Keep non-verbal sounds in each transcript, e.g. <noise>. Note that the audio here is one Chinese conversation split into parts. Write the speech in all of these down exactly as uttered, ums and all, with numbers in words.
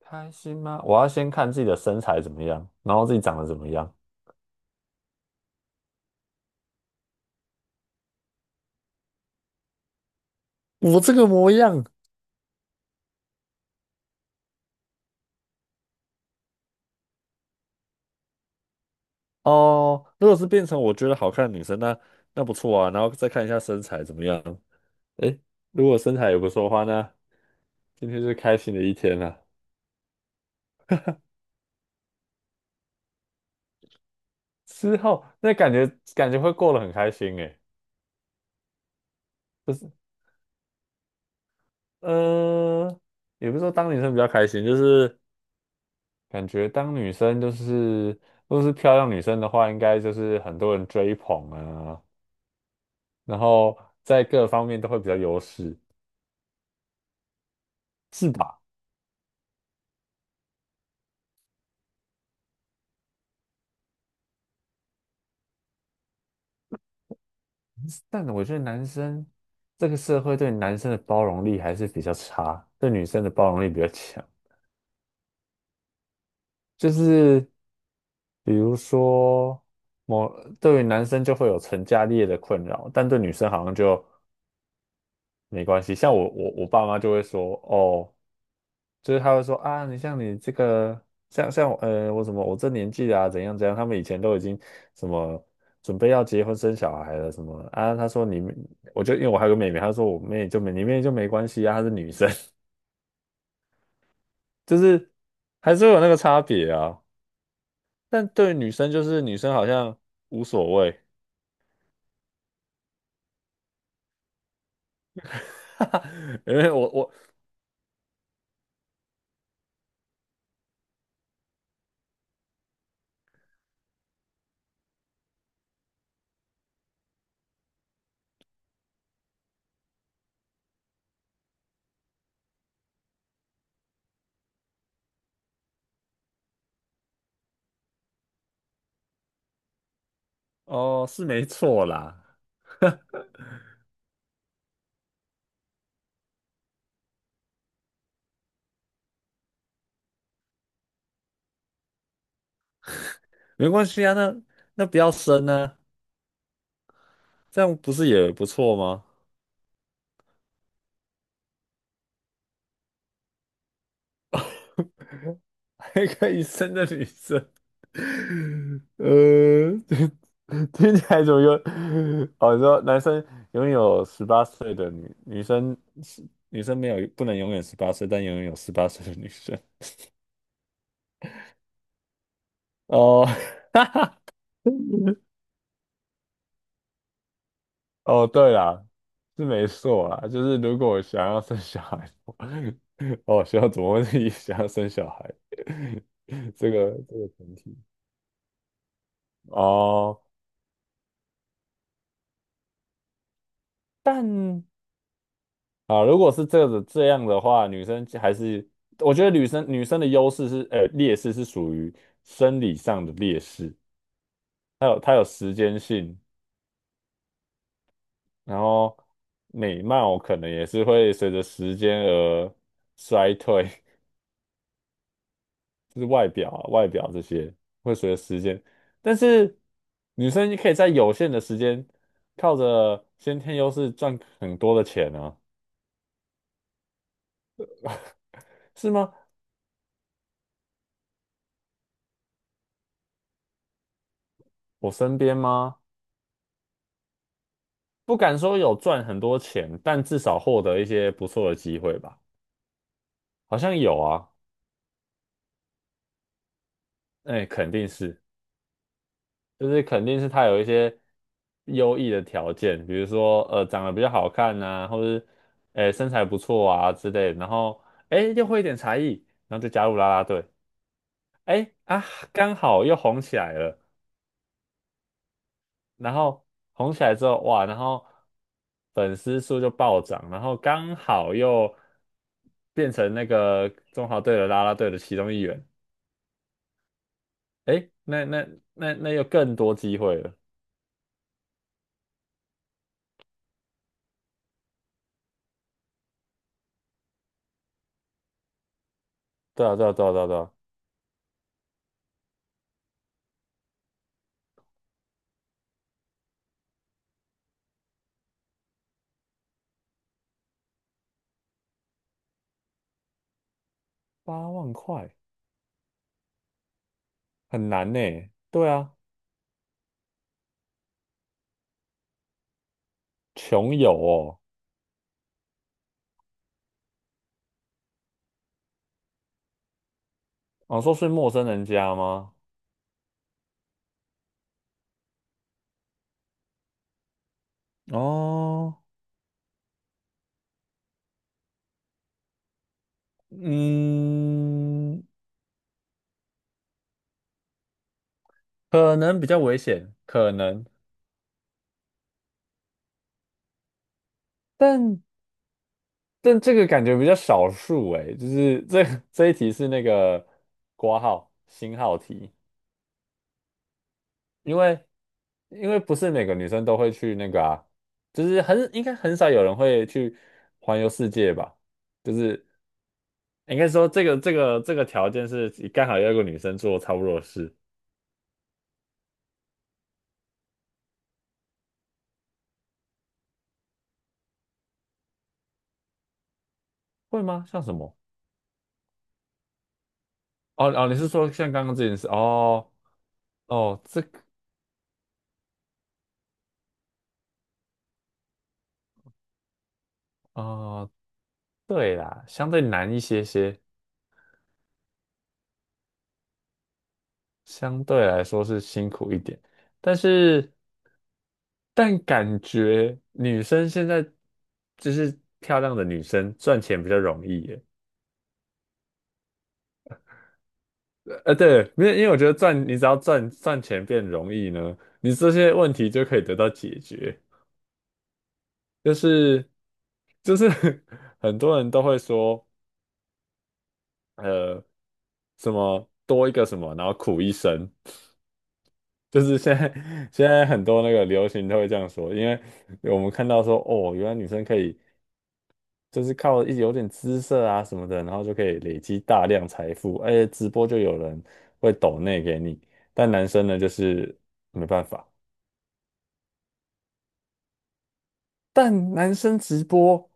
开心吗？我要先看自己的身材怎么样，然后自己长得怎么样。我这个模样。哦，如果是变成我觉得好看的女生，那那不错啊。然后再看一下身材怎么样。诶，如果身材也不错的话，那今天就是开心的一天了。之后那感觉感觉会过得很开心诶。不是，呃，也不是说当女生比较开心，就是感觉当女生就是如果是漂亮女生的话，应该就是很多人追捧啊，然后在各方面都会比较优势。是吧？但我觉得男生，这个社会对男生的包容力还是比较差，对女生的包容力比较强。就是比如说，某对于男生就会有成家立业的困扰，但对女生好像就没关系。像我我我爸妈就会说，哦。就是他会说啊，你像你这个，像像我，呃，我什么，我这年纪啊，怎样怎样，他们以前都已经什么准备要结婚生小孩了什么啊。他说你，我就因为我还有个妹妹，他说我妹就没你妹就没关系啊，她是女生。<laughs> 就是还是会有那个差别啊。但对于女生就是女生好像无所谓。<laughs> 因为我我哦，是没错啦。没关系啊，那那不要生啊，这样不是也不错吗？开个医生的女生，呃，<laughs> 听起来怎么有？哦，你说男生拥有十八岁的女女生。是，女生没有不能永远十八岁，但永远有十八岁的女生。哦。<laughs> 哦，对啦，是没错啦，就是如果我想要生小孩。<laughs> 哦，需要怎么会自己想要生小孩？<laughs> 这个这个前提。哦，但啊，如果是这个这样的话，女生还是，我觉得女生女生的优势是，呃劣势，是属于生理上的劣势。它有它有时间性，然后美貌可能也是会随着时间而衰退。<laughs> 就是外表啊外表这些会随着时间，但是女生可以在有限的时间靠着先天优势赚很多的钱啊。是吗？我身边吗？不敢说有赚很多钱，但至少获得一些不错的机会吧。好像有啊，哎，肯定是。就是肯定是他有一些优异的条件，比如说，呃长得比较好看呐、或者哎身材不错啊之类的，然后哎又会一点才艺，然后就加入啦啦队。哎啊，刚好又红起来了，然后红起来之后，哇，然后粉丝数就暴涨，然后刚好又变成那个中华队的啦啦队的其中一员。诶，那那那那又更多机会了。对啊，对啊，对啊，对啊，对啊，八万块很难呢。对啊，穷游哦。哦，说是陌生人家吗？哦，嗯，可能比较危险，可能，但但这个感觉比较少数诶。就是这 <laughs> 这一题是那个括号星号题，因为因为不是每个女生都会去那个啊，就是很应该很少有人会去环游世界吧，就是应该说这个这个这个条件是刚好要一个女生做差不多的事。会吗？像什么？哦哦，你是说像刚刚这件事？哦哦，这个，哦，对啦，相对难一些些。相对来说是辛苦一点。但是但感觉女生现在就是漂亮的女生赚钱比较容易耶。呃，对，没有，因为我觉得赚，你只要赚赚钱变容易呢，你这些问题就可以得到解决。就是就是 <laughs> 很多人都会说，呃，什么多一个什么，然后苦一生。就是现在，现在很多那个流行都会这样说，因为我们看到说，哦，原来女生可以，就是靠一有点姿色啊什么的，然后就可以累积大量财富，而且直播就有人会抖内给你。但男生呢，就是没办法。但男生直播，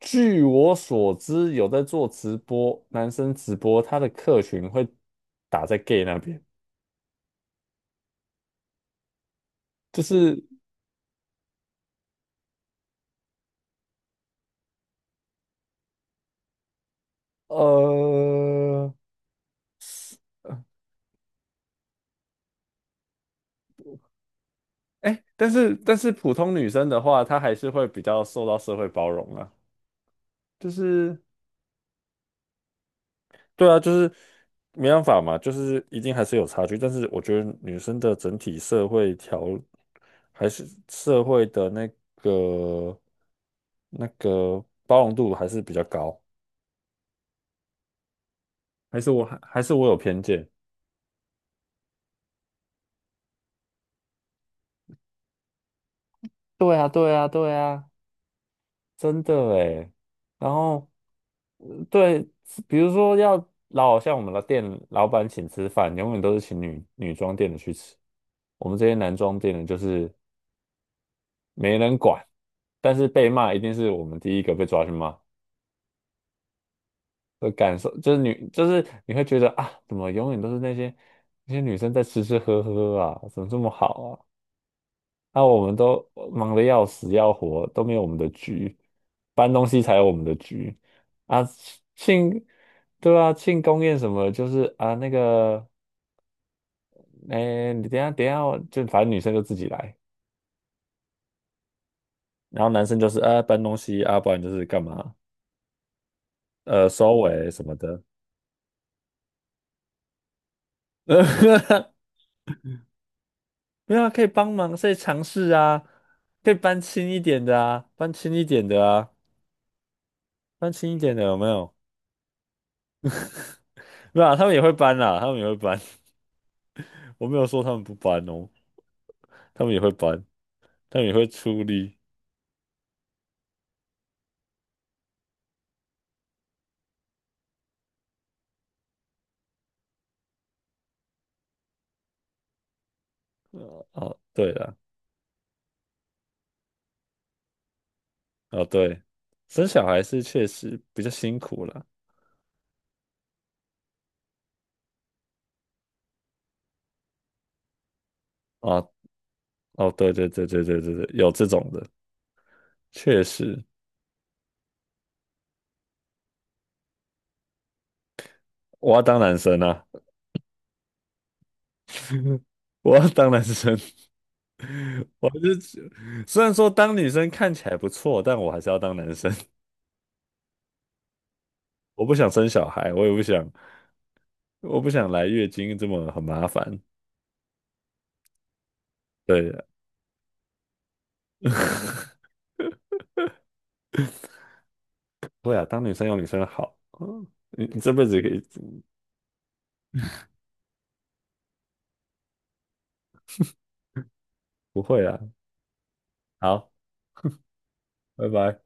据我所知，有在做直播，男生直播他的客群会打在 gay 那边。就是呃。哎，但是但是普通女生的话，她还是会比较受到社会包容啊。就是对啊，就是没办法嘛，就是一定还是有差距，但是我觉得女生的整体社会条还是社会的那个那个包容度还是比较高。还是我还还是我有偏见。对啊，对啊，对啊。真的诶，然后，呃对，比如说要老像我们的店老板请吃饭，永远都是请女女装店的去吃，我们这些男装店的就是没人管，但是被骂一定是我们第一个被抓去骂的感受。就是女就是你会觉得啊，怎么永远都是那些那些女生在吃吃喝喝啊，怎么这么好啊？那，我们都忙得要死要活，都没有我们的局，搬东西才有我们的局啊。庆，对啊，庆功宴什么就是啊那个，哎，你等一下等一下哦，就反正女生就自己来，然后男生就是啊搬东西啊，不然就是干嘛，呃收尾什么的。<laughs> 没有啊，可以帮忙，可以尝试啊，可以搬轻一点的啊，搬轻一点的啊，搬轻一点的有没有？没有啊，他们也会搬啦，他们也会搬。<laughs> 我没有说他们不搬哦。他们也会搬，他们也会出力。哦，对了，哦对，生小孩是确实比较辛苦了。哦哦，对对对对对对对，有这种的，确实。我要当男生啊，我要当男生。<laughs> 我是虽然说当女生看起来不错，但我还是要当男生。<laughs> 我不想生小孩，我也不想，我不想来月经，这么很麻烦。对啊。<laughs> 会啊，当女生有女生的好。嗯，你你这辈子可以，不会啊。好，拜拜。